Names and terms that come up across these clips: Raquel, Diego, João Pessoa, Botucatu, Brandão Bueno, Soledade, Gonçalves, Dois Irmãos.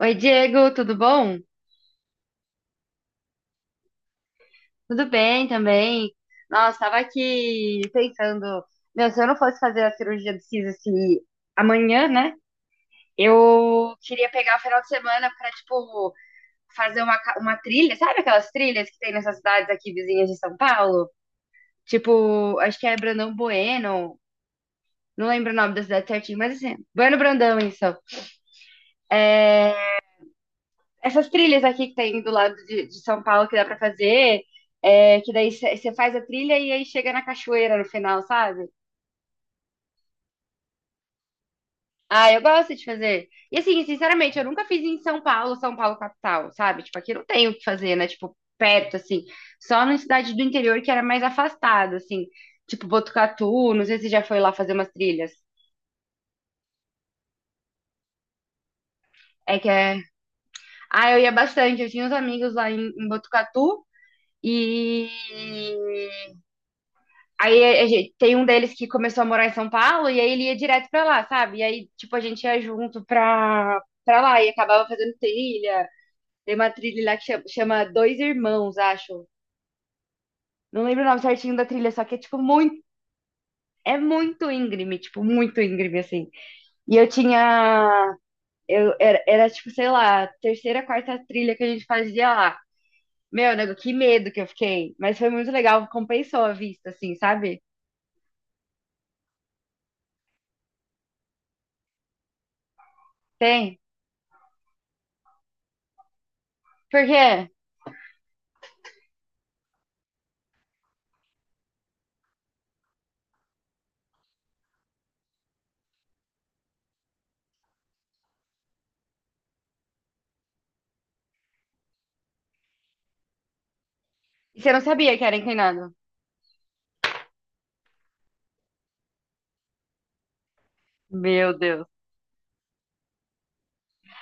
Oi, Diego, tudo bom? Tudo bem também. Nossa, estava aqui pensando, meu, se eu não fosse fazer a cirurgia do siso assim, amanhã, né? Eu queria pegar o final de semana para, tipo, fazer uma trilha, sabe aquelas trilhas que tem nessas cidades aqui vizinhas de São Paulo? Tipo, acho que é Brandão Bueno, não lembro o nome da cidade certinho, mas assim, Bueno Brandão, isso. Essas trilhas aqui que tem do lado de São Paulo que dá pra fazer, é, que daí você faz a trilha e aí chega na cachoeira no final, sabe? Ah, eu gosto de fazer. E assim, sinceramente, eu nunca fiz em São Paulo, São Paulo capital, sabe? Tipo, aqui não tem o que fazer, né? Tipo, perto, assim. Só na cidade do interior que era mais afastado, assim. Tipo, Botucatu, não sei se já foi lá fazer umas trilhas. É que é. Ah, eu ia bastante, eu tinha uns amigos lá em Botucatu e tem um deles que começou a morar em São Paulo e aí ele ia direto pra lá, sabe? E aí, tipo, a gente ia junto pra lá e acabava fazendo trilha. Tem uma trilha lá que chama Dois Irmãos, acho. Não lembro o nome certinho da trilha, só que é, tipo, muito. É muito íngreme, tipo, muito íngreme, assim. E eu tinha. Era, tipo, sei lá, terceira, quarta trilha que a gente fazia lá. Meu, nego, que medo que eu fiquei. Mas foi muito legal, compensou a vista, assim, sabe? Tem? Por quê? E você não sabia que era inclinado? Meu Deus.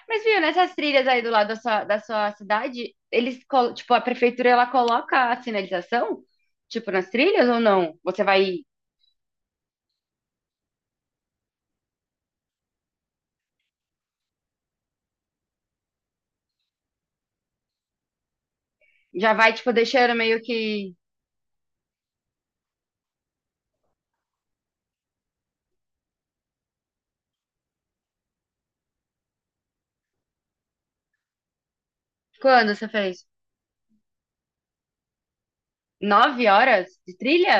Mas viu, nessas trilhas aí do lado da sua cidade, tipo, a prefeitura ela coloca a sinalização, tipo, nas trilhas ou não? Já vai, tipo, deixando meio que. Quando você fez? 9 horas de trilha?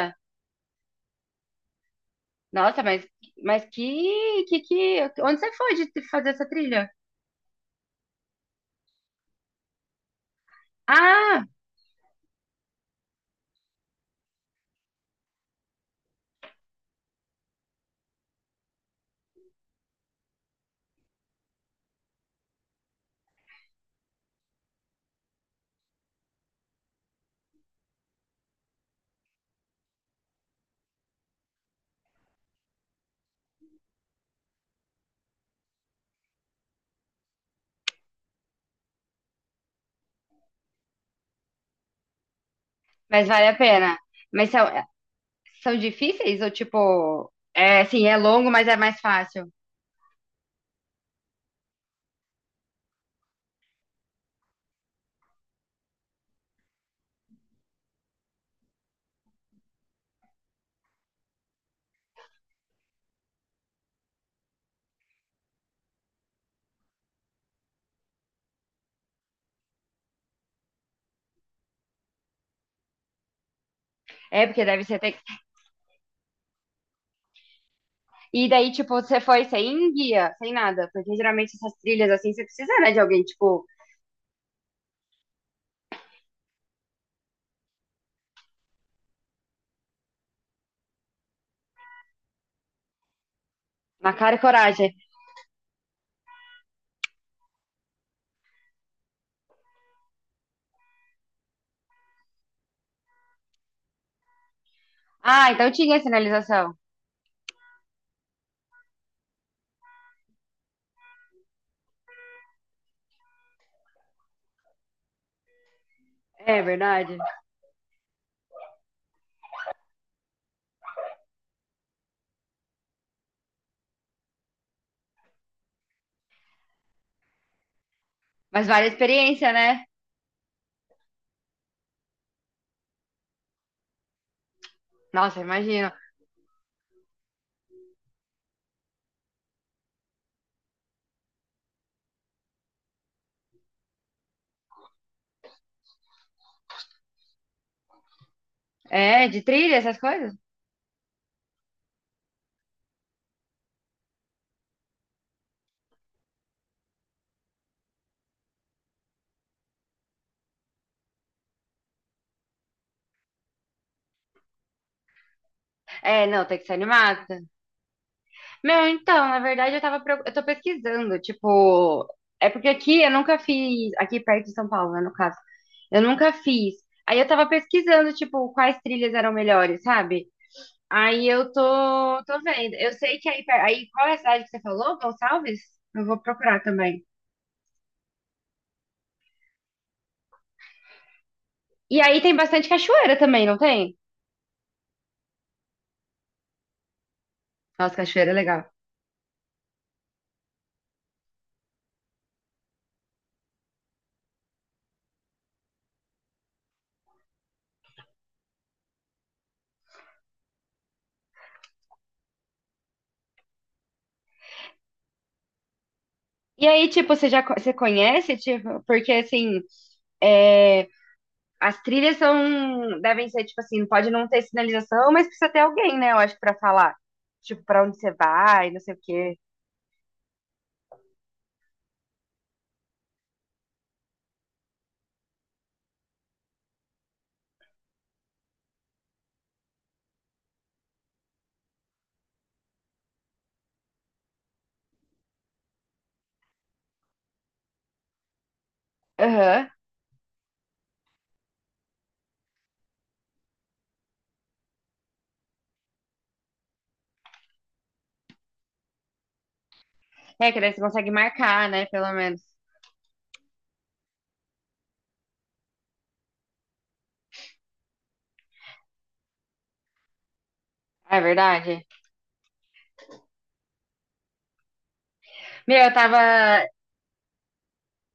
Nossa, mas onde você foi fazer essa trilha? Ah, mas vale a pena. Mas são difíceis ou tipo, é assim, é longo, mas é mais fácil? É, porque deve ser, tem. E daí, tipo, você foi sem guia, sem nada. Porque geralmente essas trilhas assim, você precisa, né, de alguém, tipo, na cara e coragem. Ah, então tinha sinalização. É verdade. Mas vale a experiência, né? Nossa, imagino. É, de trilha, essas coisas? É, não, tem que ser animada. Meu, então, na verdade, eu tô pesquisando, tipo, é porque aqui eu nunca fiz, aqui perto de São Paulo, né, no caso, eu nunca fiz. Aí eu tava pesquisando, tipo, quais trilhas eram melhores, sabe? Aí eu tô vendo. Eu sei que aí qual é a cidade que você falou? Gonçalves? Eu vou procurar também. E aí tem bastante cachoeira também, não tem? Nossa, cachoeira é legal. E aí, tipo, você conhece, tipo, porque assim, é, as trilhas são, devem ser, tipo assim, pode não ter sinalização, mas precisa ter alguém, né, eu acho, pra falar. Tipo, pra onde você vai, não sei o quê. Aham. É, que daí você consegue marcar, né, pelo menos. É verdade. Meu, eu tava.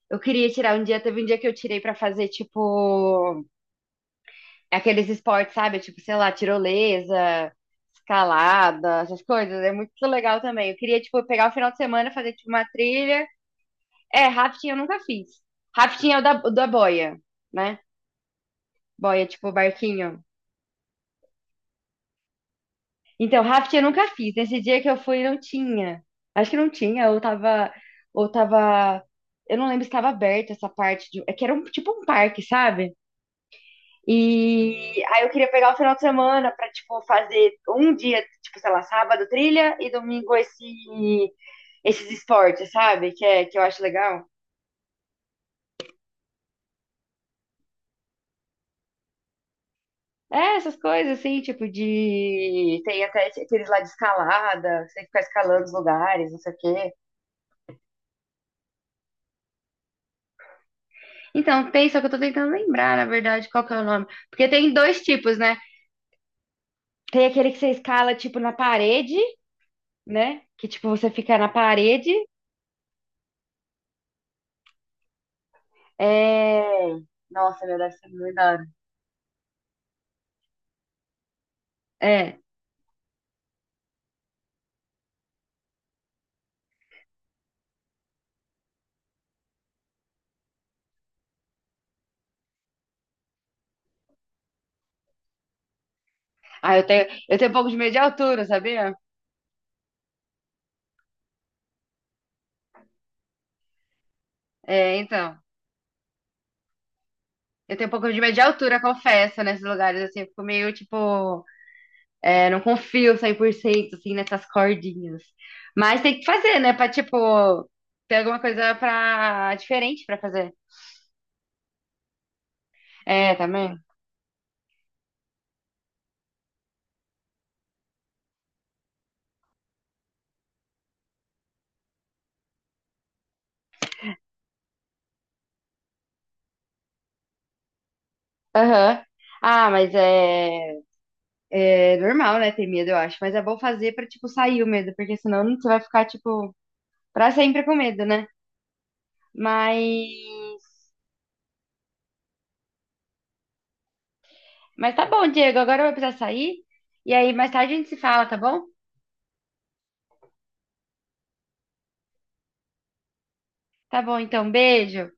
Eu queria tirar um dia, teve um dia que eu tirei pra fazer, tipo, aqueles esportes, sabe? Tipo, sei lá, tirolesa, escalada, essas coisas. É muito legal também. Eu queria, tipo, pegar o final de semana, fazer, tipo, uma trilha. É, rafting eu nunca fiz. Rafting é o da boia, né? Boia, tipo, barquinho. Então, rafting eu nunca fiz. Nesse dia que eu fui, não tinha. Acho que não tinha, ou tava, ou tava, eu não lembro se tava aberta essa parte de, é que era um, tipo um parque, sabe? E aí eu queria pegar o final de semana pra, tipo, fazer um dia, tipo, sei lá, sábado trilha e domingo esses esportes, sabe? Que eu acho legal. É, essas coisas, assim, tipo, de. Tem até aqueles lá de escalada, você tem que ficar escalando os lugares, não sei o quê. Então, tem, só que eu tô tentando lembrar, na verdade, qual que é o nome. Porque tem dois tipos, né? Tem aquele que você escala, tipo, na parede, né? Que, tipo, você fica na parede. É. Nossa, meu, deve ser muito da hora. É. Ah, eu tenho um pouco de medo de altura, sabia? É, então. Eu tenho um pouco de medo de altura, confesso, nesses lugares, assim, eu fico meio, tipo, é, não confio 100% assim, nessas cordinhas. Mas tem que fazer, né, pra, tipo, ter alguma coisa pra, diferente pra fazer. É, também. Aham. Ah, mas é normal, né, ter medo, eu acho. Mas é bom fazer pra, tipo, sair o medo, porque senão você vai ficar, tipo, pra sempre com medo, né? Mas... Mas tá bom, Diego, agora eu vou precisar sair. E aí, mais tarde a gente se fala, tá bom? Tá bom, então, beijo.